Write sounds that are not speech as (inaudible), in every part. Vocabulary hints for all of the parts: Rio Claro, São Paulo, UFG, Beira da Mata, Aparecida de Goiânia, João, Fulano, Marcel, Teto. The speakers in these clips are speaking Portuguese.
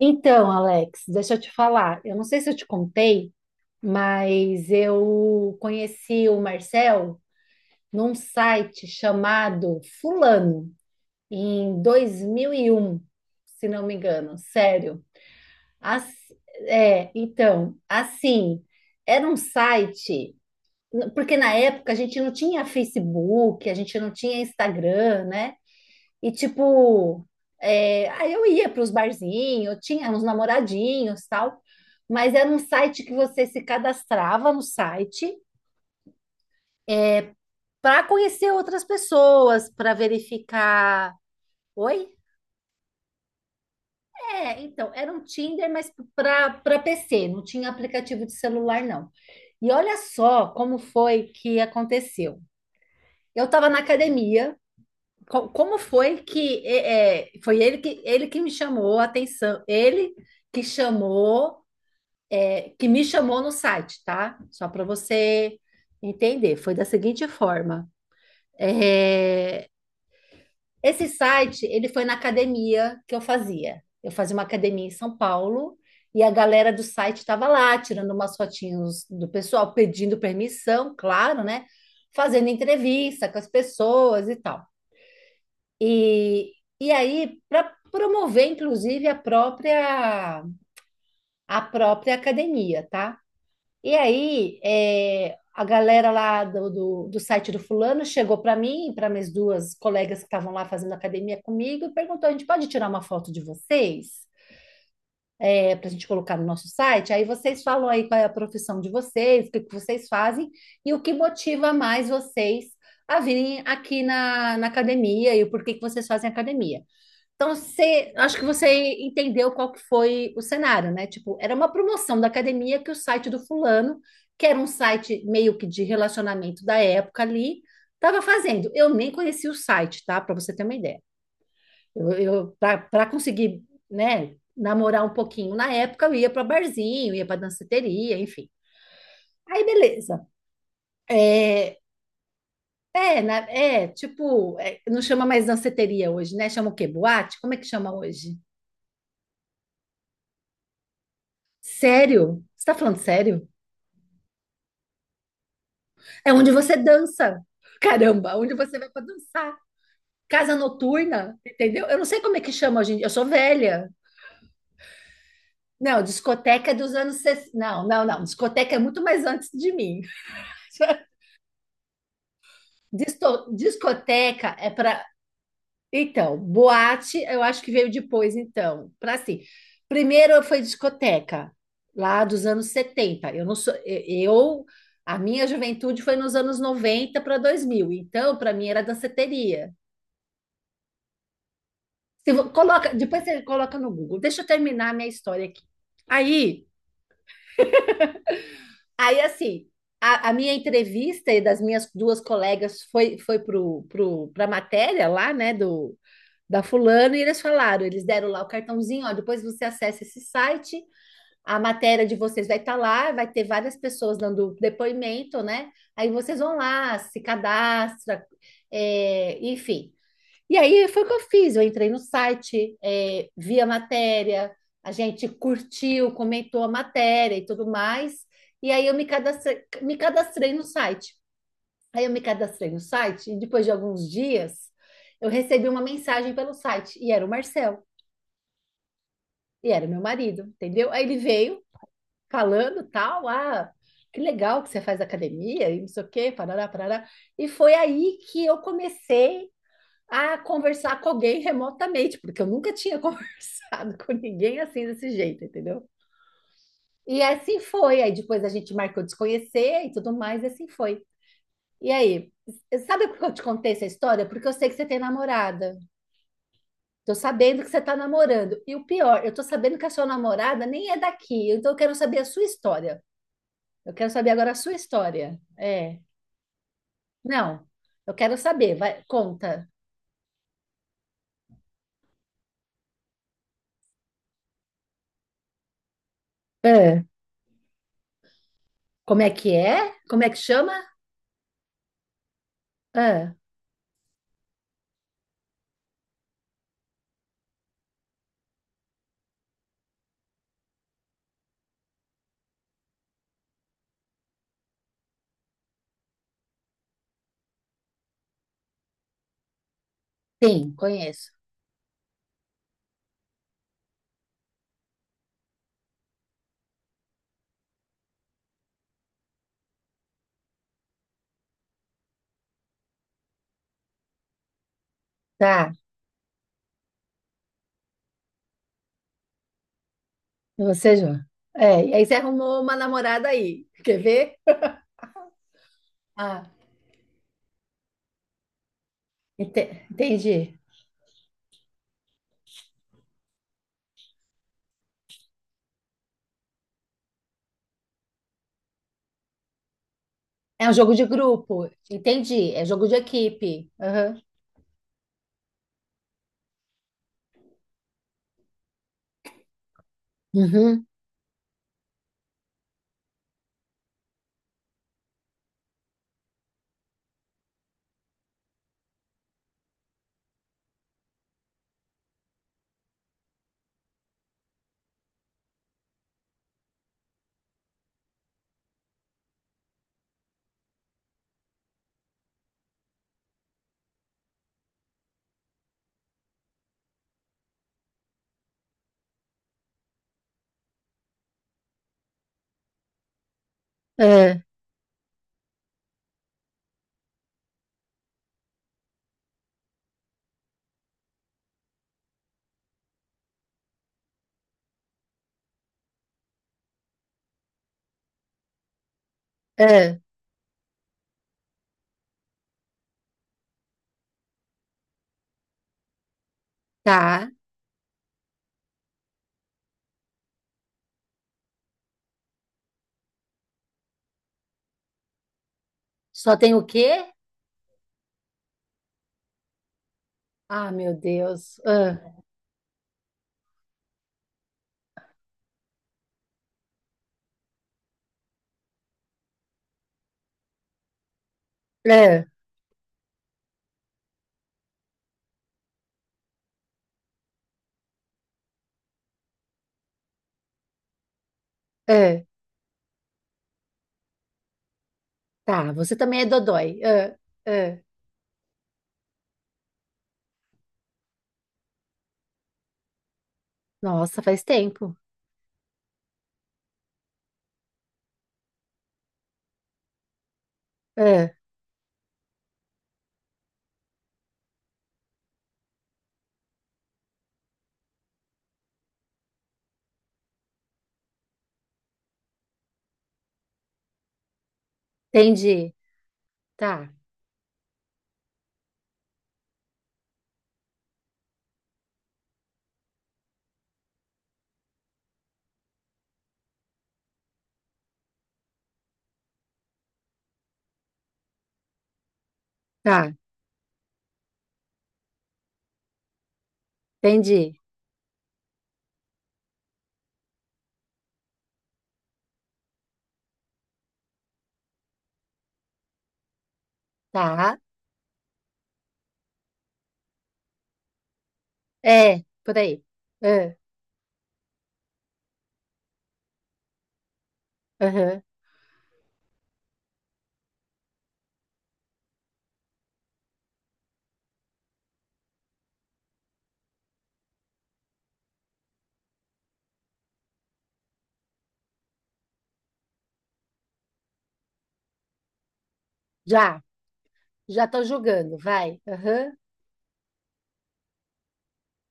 Então, Alex, deixa eu te falar. Eu não sei se eu te contei, mas eu conheci o Marcel num site chamado Fulano em dois mil e um, se não me engano. Sério. As- então, assim, era um site, porque na época a gente não tinha Facebook, a gente não tinha Instagram, né? E tipo, aí eu ia para os barzinhos, eu tinha uns namoradinhos, tal, mas era um site que você se cadastrava no site para conhecer outras pessoas, para verificar. Oi? É, então, era um Tinder, mas para PC, não tinha aplicativo de celular, não. E olha só como foi que aconteceu. Eu estava na academia, como foi ele que me chamou a atenção, ele que chamou que me chamou no site, tá? Só para você entender. Foi da seguinte forma: É, esse site ele foi na academia que eu fazia. Eu fazia uma academia em São Paulo e a galera do site estava lá tirando umas fotinhos do pessoal, pedindo permissão, claro, né? Fazendo entrevista com as pessoas e tal. E, e aí, para promover, inclusive, a própria academia, tá? E aí, a galera lá do site do fulano chegou para mim, para minhas duas colegas que estavam lá fazendo academia comigo, e perguntou: a gente pode tirar uma foto de vocês? Para a gente colocar no nosso site? Aí vocês falam aí qual é a profissão de vocês, o que que vocês fazem e o que motiva mais vocês a virem aqui na academia e o porquê que vocês fazem academia. Então, acho que você entendeu qual que foi o cenário, né? Tipo, era uma promoção da academia que o site do fulano, que era um site meio que de relacionamento da época ali, estava fazendo. Eu nem conhecia o site, tá? Para você ter uma ideia. Eu para conseguir, né, namorar um pouquinho na época, eu ia para barzinho, ia para danceteria, enfim. Aí, beleza. É, tipo, não chama mais danceteria hoje, né? Chama o quê? Boate? Como é que chama hoje? Sério? Você tá falando sério? É onde você dança. Caramba, onde você vai para dançar? Casa noturna, entendeu? Eu não sei como é que chama hoje em dia. Eu sou velha. Não, discoteca é dos anos 60. Não, não, não. Discoteca é muito mais antes de mim. (laughs) Discoteca é para. Então, boate, eu acho que veio depois, então, para assim. Primeiro foi discoteca, lá dos anos 70. Eu não sou, a minha juventude foi nos anos 90 para 2000. Então, para mim era danceteria. Se vo- coloca, depois você coloca no Google. Deixa eu terminar a minha história aqui. Aí, aí assim, a minha entrevista e das minhas duas colegas foi pro, pro para matéria lá, né, da fulano, e eles falaram, eles deram lá o cartãozinho, ó, depois você acessa esse site, a matéria de vocês vai estar lá, vai ter várias pessoas dando depoimento, né? Aí vocês vão lá, se cadastra, enfim. E aí foi o que eu fiz, eu entrei no site, vi a matéria, a gente curtiu, comentou a matéria e tudo mais, e aí eu me cadastrei no site. Aí eu me cadastrei no site e depois de alguns dias eu recebi uma mensagem pelo site e era o Marcel, e era meu marido, entendeu? Aí ele veio falando tal, ah, que legal que você faz academia e não sei o quê, parará, parará. E foi aí que eu comecei a conversar com alguém remotamente, porque eu nunca tinha (laughs) conversado com ninguém assim desse jeito, entendeu? E assim foi. Aí depois a gente marcou de se conhecer e tudo mais, e assim foi. E aí, sabe por que eu te contei essa história? Porque eu sei que você tem namorada. Tô sabendo que você tá namorando. E o pior, eu tô sabendo que a sua namorada nem é daqui. Então eu quero saber a sua história. Eu quero saber agora a sua história. É. Não. Eu quero saber. Vai, conta. É. Como é que é? Como é que chama? Ah, sim, conheço. Tá. E você, João? É, e aí você arrumou uma namorada aí. Quer ver? Ah, entendi. É um jogo de grupo, entendi. É jogo de equipe. Aham. Uhum. É, é, tá. Só tem o quê? Ah, meu Deus. Ah, é, é. Tá, você também é dodói. É. Ah. é. Nossa, faz tempo. É. Entendi. Tá, tá, entendi. Tá, é, por aí. É. Aham. Já, já tô julgando, vai. Aham.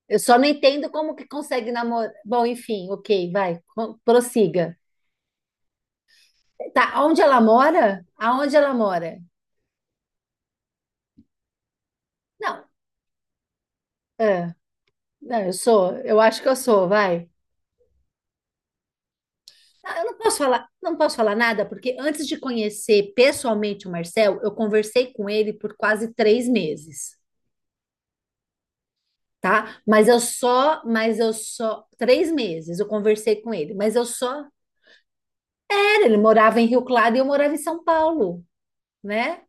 Eu só não entendo como que consegue namorar. Bom, enfim, ok, vai, prossiga. Tá, onde ela mora? Aonde ela mora? Não, é, não, eu acho que eu sou, vai. Não, eu não posso falar, não posso falar nada, porque antes de conhecer pessoalmente o Marcel, eu conversei com ele por quase três meses, tá? Mas eu só, três meses eu conversei com ele, mas eu só, ele morava em Rio Claro e eu morava em São Paulo, né?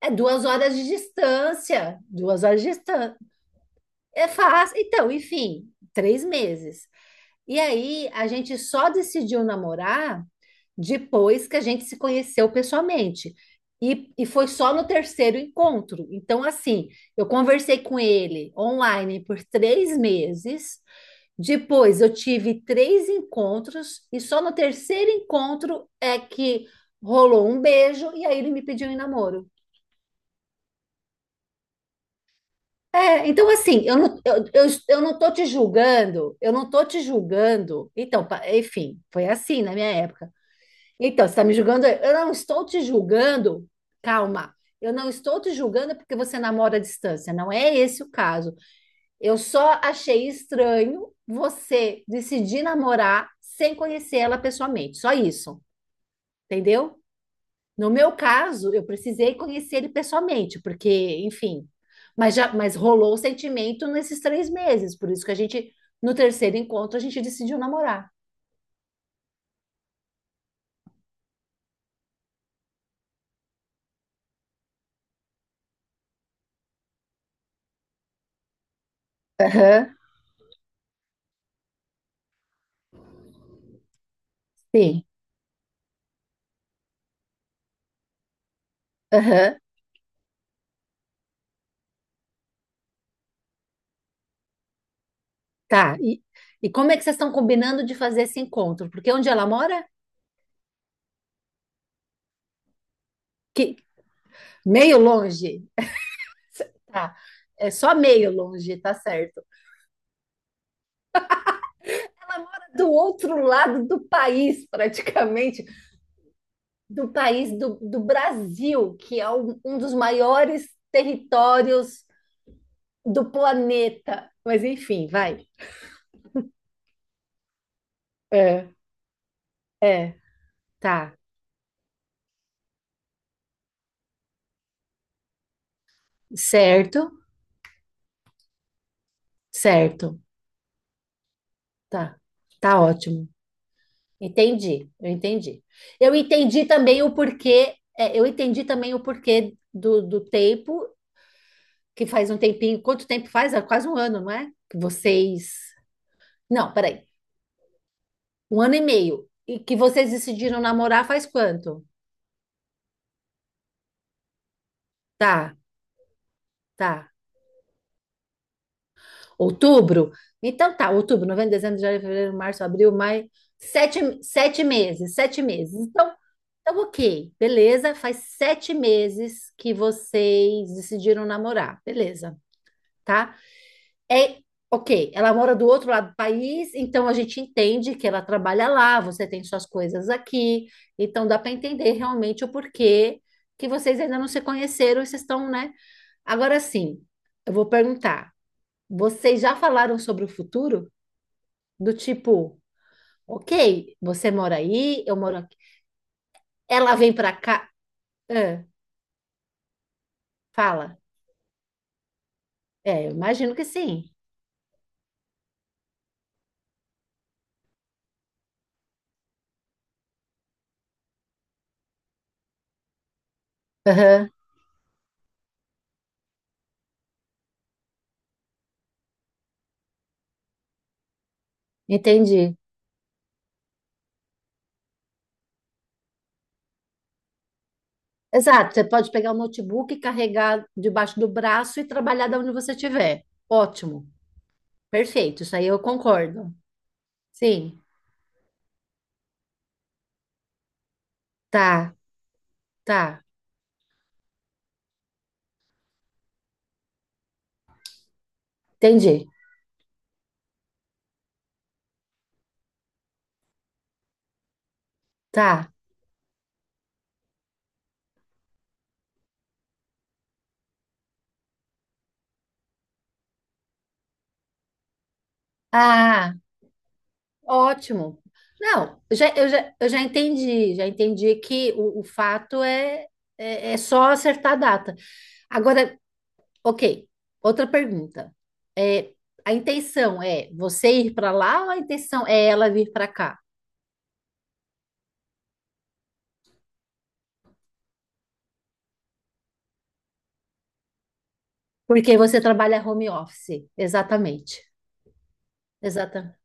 É duas horas de distância, duas horas de distância. É fácil. Então, enfim, três meses. E aí a gente só decidiu namorar depois que a gente se conheceu pessoalmente. E foi só no terceiro encontro. Então, assim, eu conversei com ele online por três meses. Depois, eu tive três encontros. E só no terceiro encontro é que rolou um beijo. E aí, ele me pediu em namoro. Então assim, eu não tô te julgando, eu não tô te julgando. Então, enfim, foi assim na minha época. Então, você está me julgando? Eu não estou te julgando. Calma, eu não estou te julgando porque você namora à distância. Não é esse o caso. Eu só achei estranho você decidir namorar sem conhecer ela pessoalmente. Só isso, entendeu? No meu caso, eu precisei conhecer ele pessoalmente, porque, enfim. Mas rolou o sentimento nesses três meses. Por isso que a gente, no terceiro encontro, a gente decidiu namorar. Aham, sim. Aham. Tá. E como é que vocês estão combinando de fazer esse encontro? Porque onde ela mora? Que, meio longe. Tá. É só meio longe, tá certo. Ela mora do outro lado do país, praticamente, do país do Brasil, que é um dos maiores territórios do planeta. Mas enfim, vai. É, é, tá. Certo, certo. Tá, tá ótimo. Entendi, eu entendi. Eu entendi também o porquê, é, eu entendi também o porquê do tempo, que faz um tempinho, quanto tempo faz? É quase um ano, não é? Que vocês. Não, peraí. Um ano e meio. E que vocês decidiram namorar faz quanto? Tá, tá. Outubro? Então tá, outubro, novembro, dezembro, janeiro, fevereiro, março, abril, maio. Sete, sete meses, sete meses. Ok, beleza. Faz sete meses que vocês decidiram namorar, beleza. Tá? É, ok, ela mora do outro lado do país, então a gente entende que ela trabalha lá, você tem suas coisas aqui, então dá para entender realmente o porquê que vocês ainda não se conheceram e vocês estão, né? Agora sim, eu vou perguntar: vocês já falaram sobre o futuro? Do tipo, ok, você mora aí, eu moro aqui, ela vem para cá. Ah, fala. É, eu imagino que sim. Aham, entendi. Exato, você pode pegar o notebook, carregar debaixo do braço e trabalhar da onde você estiver. Ótimo, perfeito, isso aí eu concordo. Sim, tá, tá, entendi, tá. Ah, ótimo. Não, eu já entendi que o fato é, é só acertar a data. Agora, ok, outra pergunta. É, a intenção é você ir para lá ou a intenção é ela vir para cá? Porque você trabalha home office, exatamente. Exata,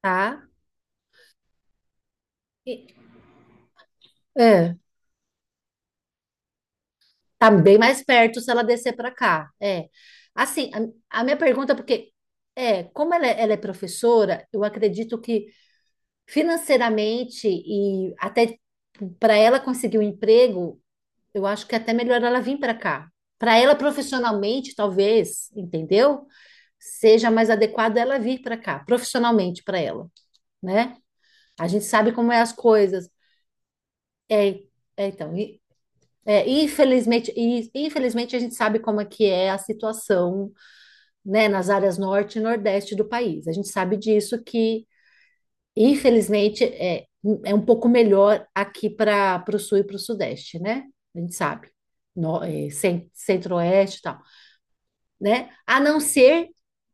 tá? E- É, tá bem mais perto se ela descer para cá. É. Assim, a minha pergunta é porque ela é professora, eu acredito que financeiramente e até para ela conseguir um emprego, eu acho que é até melhor ela vir para cá. Para ela profissionalmente, talvez, entendeu? Seja mais adequado ela vir para cá, profissionalmente para ela, né? A gente sabe como é as coisas. É, então, infelizmente a gente sabe como é que é a situação, né, nas áreas norte e nordeste do país. A gente sabe disso que, infelizmente, é um pouco melhor aqui para o sul e para o sudeste, né? A gente sabe. No, é, cen- centro-oeste e tal, né? A não ser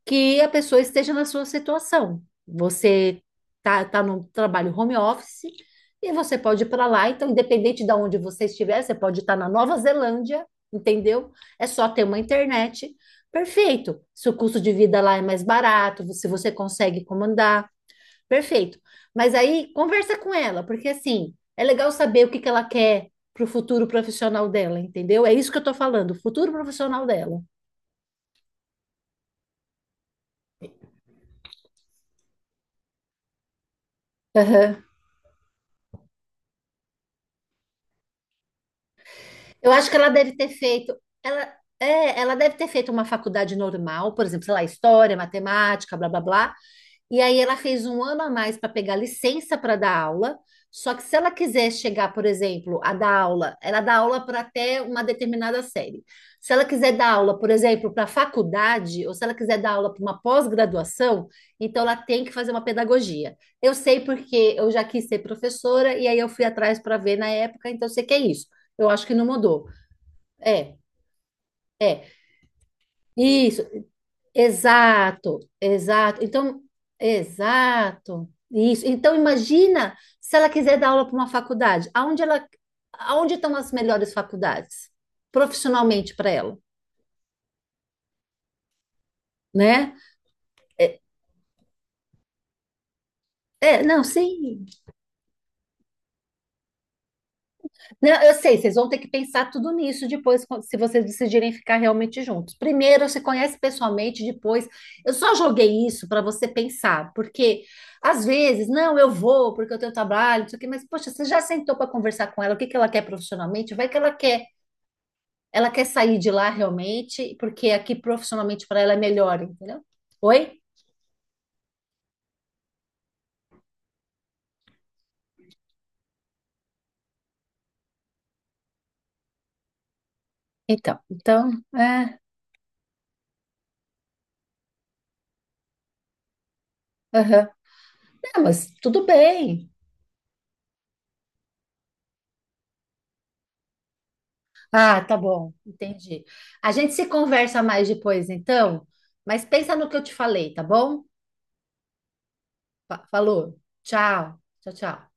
que a pessoa esteja na sua situação. Você tá no trabalho home office e você pode ir para lá. Então, independente de onde você estiver, você pode estar na Nova Zelândia, entendeu? É só ter uma internet. Perfeito. Se o custo de vida lá é mais barato, se você consegue comandar, perfeito. Mas aí conversa com ela, porque assim, é legal saber o que que ela quer pro futuro profissional dela, entendeu? É isso que eu tô falando, o futuro profissional dela. Eu acho que ela, ela deve ter feito uma faculdade normal, por exemplo, sei lá, história, matemática, blá blá blá. E aí ela fez um ano a mais para pegar licença para dar aula. Só que se ela quiser chegar, por exemplo, a dar aula, ela dá aula para até uma determinada série. Se ela quiser dar aula, por exemplo, para faculdade, ou se ela quiser dar aula para uma pós-graduação, então ela tem que fazer uma pedagogia. Eu sei porque eu já quis ser professora e aí eu fui atrás para ver na época, então eu sei que é isso. Eu acho que não mudou. É, é. Isso, exato, exato. Então, exato. Isso. Então, imagina se ela quiser dar aula para uma faculdade, aonde estão as melhores faculdades profissionalmente para ela, né? É, é, não, sim. Não, eu sei, vocês vão ter que pensar tudo nisso depois, se vocês decidirem ficar realmente juntos. Primeiro, se conhece pessoalmente, depois. Eu só joguei isso para você pensar, porque às vezes, não, eu vou porque eu tenho trabalho, não sei o quê, mas poxa, você já sentou para conversar com ela, o que que ela quer profissionalmente? Vai que ela quer sair de lá realmente, porque aqui profissionalmente para ela é melhor, entendeu? Oi? Então, então, é, aham. Não, mas tudo bem. Ah, tá bom, entendi. A gente se conversa mais depois, então, mas pensa no que eu te falei, tá bom? Falou. Tchau, tchau, tchau.